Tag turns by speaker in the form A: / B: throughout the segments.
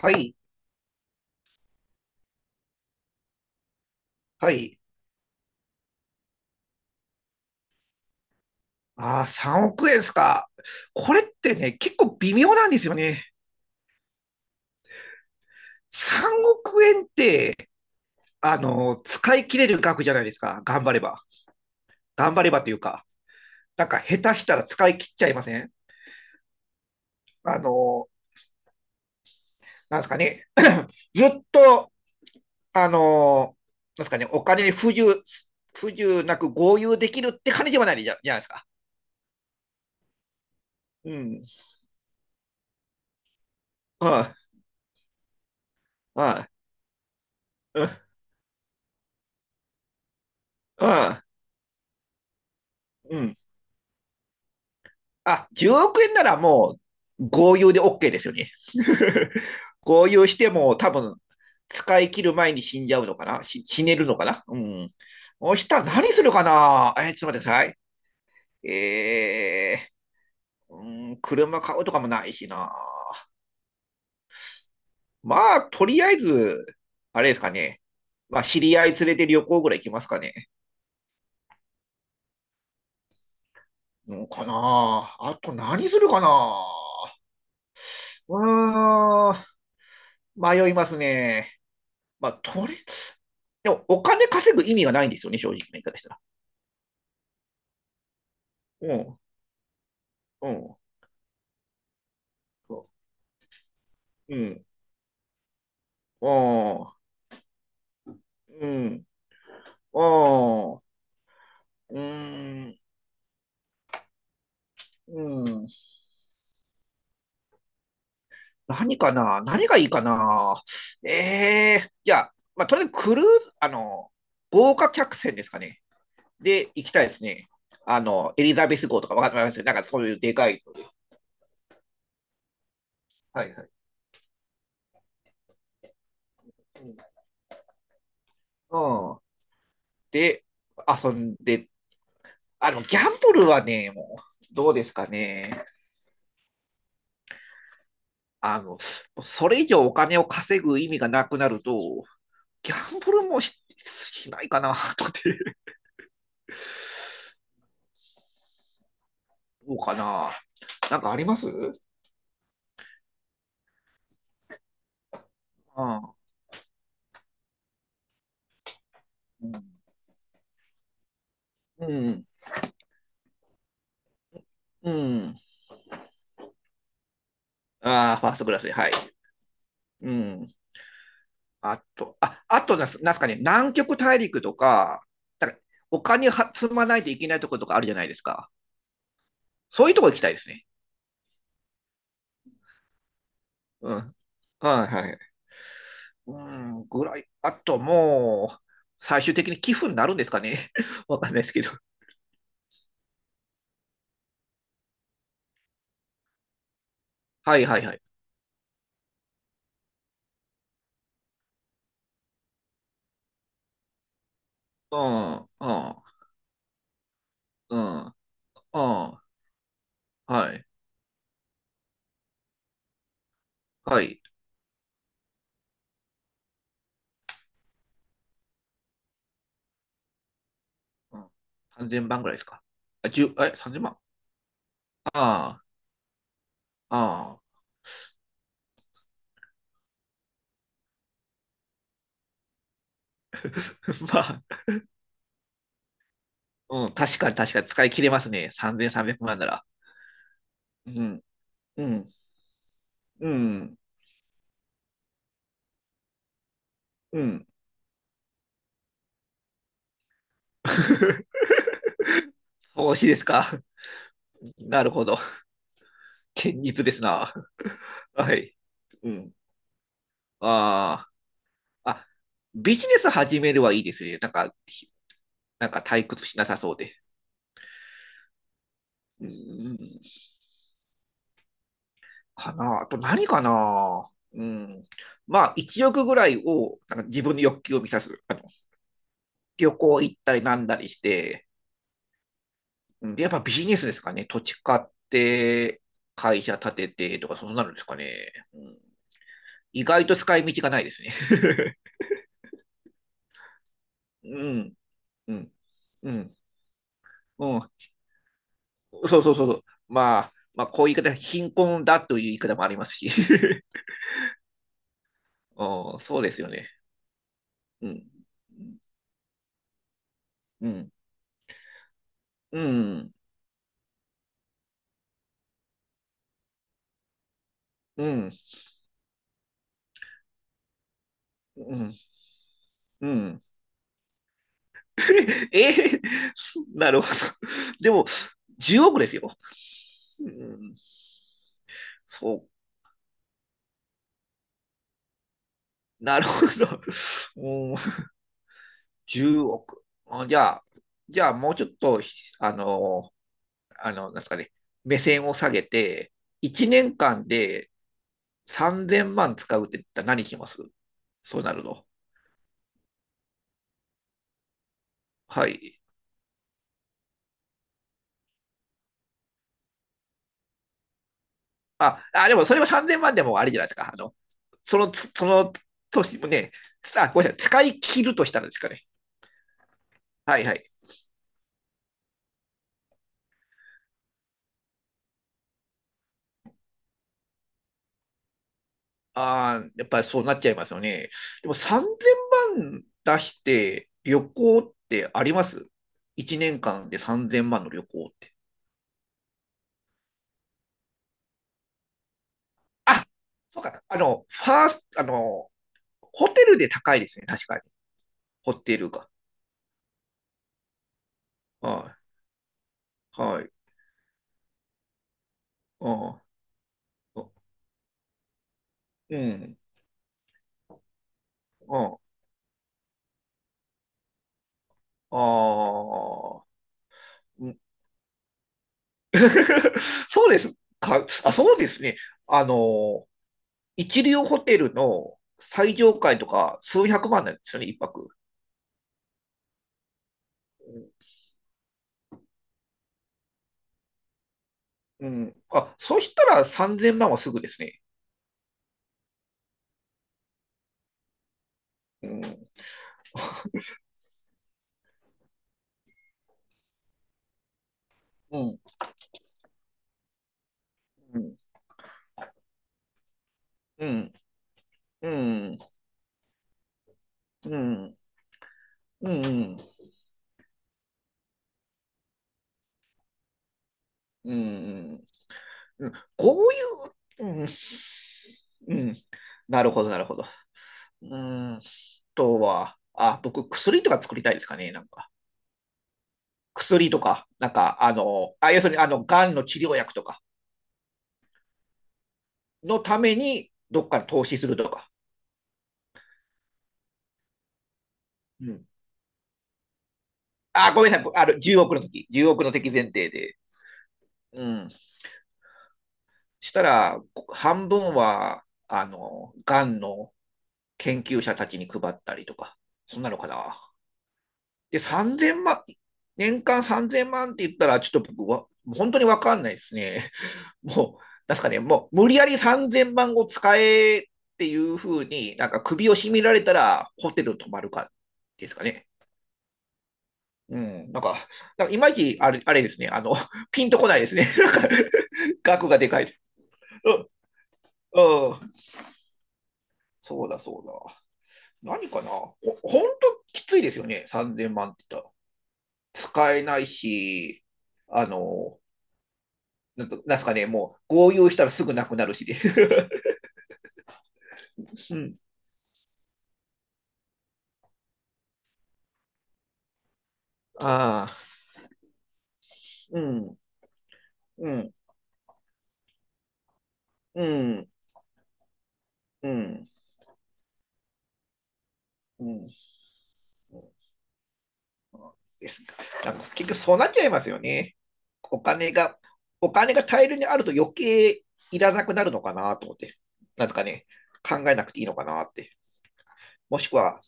A: はい、はい。ああ、3億円ですか。これってね、結構微妙なんですよね。3億円って、使い切れる額じゃないですか。頑張れば。頑張ればというか、なんか下手したら使い切っちゃいません？あの、なんですかね。ずっと、あの、なんですかね、お金に不自由なく豪遊できるって感じではないじゃないですか。うん。はい、はい、うん、うん。あ、10億円ならもう豪遊で OK ですよね。豪遊しても多分使い切る前に死んじゃうのかな、し、死ねるのかな。うん。そしたら何するかな。ちょっと待ってください。えうん、車買うとかもないしな。まあ、とりあえず、あれですかね。まあ、知り合い連れて旅行ぐらい行きますかね。うん、かな。ああ、と何するかな。うーん、迷いますね。まあ、でもお金稼ぐ意味がないんですよね、正直な言い方したら。うん、うん、そうん、うん、あー、うん、あん、うーん、うん。何かな。何がいいかな。ええー、じゃあ、まあ、とりあえずクルーズ、豪華客船ですかね。で、行きたいですね。エリザベス号とかわかんないですよね。なんかそういうでかいので。はいはい。うん。で、遊んで、ギャンブルはね、もう、どうですかね。あの、それ以上お金を稼ぐ意味がなくなると、ギャンブルもし、しないかな、とかって。どうかな。なんかあります？あ、うん、うん。うん。ああ、ファーストクラスで、はい。うん。あと、あ、あとなんすかね、南極大陸とか、なんかお金は積まないといけないところとかあるじゃないですか。そういうとこ行きたいですね。うん。はいはい。うん、ぐらい。あともう、最終的に寄付になるんですかね。わかんないですけど。はいはいはい。うん、うん、うん、うん、はい、はい。うん、3000万ぐらいですか。あ、10、え、30万。ああ、ああ。まあ、うん、確かに確かに使い切れますね。3300万なら。うん、うん、うん、うん。投資ですか。なるほど。堅実ですな。はい。うん。ああ、あ、ビジネス始めるはいいですね。なんか、なんか退屈しなさそうで。うん、かな。あと何かな。うん。まあ、1億ぐらいを、なんか自分の欲求を満たす。旅行行ったりなんだりして、うん、で、やっぱビジネスですかね。土地買って、会社建ててとか、そうなるんですかね。うん、意外と使い道がないですね。うん、うん、うん、うん。そうそうそうそう。まあ、まあ、こういう言い方、貧困だという言い方もありますし。うん、そうですよね。うん、うん、うん、うん、うん、うん。えーなるほど。でも、10億ですよ。うん、そう、なるほど。うん、10億。あ、じゃあもうちょっと、あの、なんですかね、目線を下げて、1年間で3000万使うって言ったら何します？そうなるの。はい。あ、あ、でもそれは3000万でもあれじゃないですか。そのつ、その年もね、さあ、ごめんなさい、使い切るとしたらですかね。はいはい。ああ、やっぱりそうなっちゃいますよね。でも3000万出して旅行ってあります？ 1 年間で3000万の旅行って。あ、そうか。ファースト、ホテルで高いですね。確かに。ホテルが。はい。はい。うん。うん。うん。ああ。うん。 そうですか。あ、そうですね。あの、一流ホテルの最上階とか数百万なんですよね、一泊。うん。あ、そうしたら3000万はすぐですね。うん。うん。うん。うん。うん。うん。うん。うん。うん、こういう、うん。うん。なるほど、なるほど。うーん。あとは、あ、僕、薬とか作りたいですかね、なんか。薬とか、なんか、あ、要するに、がんの治療薬とかのために、どっかに投資するとか。うん。あ、ごめんなさい。10億の時、10億の敵前提で。うん。したら、半分は、がんの研究者たちに配ったりとか、そんなのかな。で、3000万、年間3000万って言ったら、ちょっと僕は、本当にわかんないですね。もう、なんすかね、もう無理やり3000万を使えっていうふうに、なんか首を絞められたらホテル泊まるかですかね。うん、なんかいまいちあれあれですね、ピンとこないですね。なんか、額がでかい。うん、うん、そうだそうだ。何かな。ほんときついですよね、3000万って言ったら。使えないし、あの、なんすかね、もう、豪遊したらすぐなくなるしで。うん、ああ、うん、うん、うん、うん、うん。ですか。なんか結局そうなっちゃいますよね。お金が、お金が大量にあると余計いらなくなるのかなと思って。なんですかね、考えなくていいのかなって。もしくは、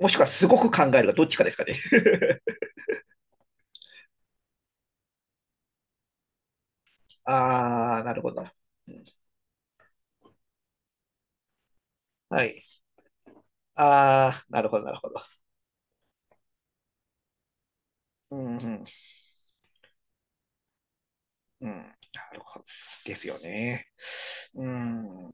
A: もしくはすごく考えるがどっちかですかね。ああ、なるほどな。うん、はい。ああ、なるほど、なるほど。うん、うん、うん。なるほど。ですよね。うん。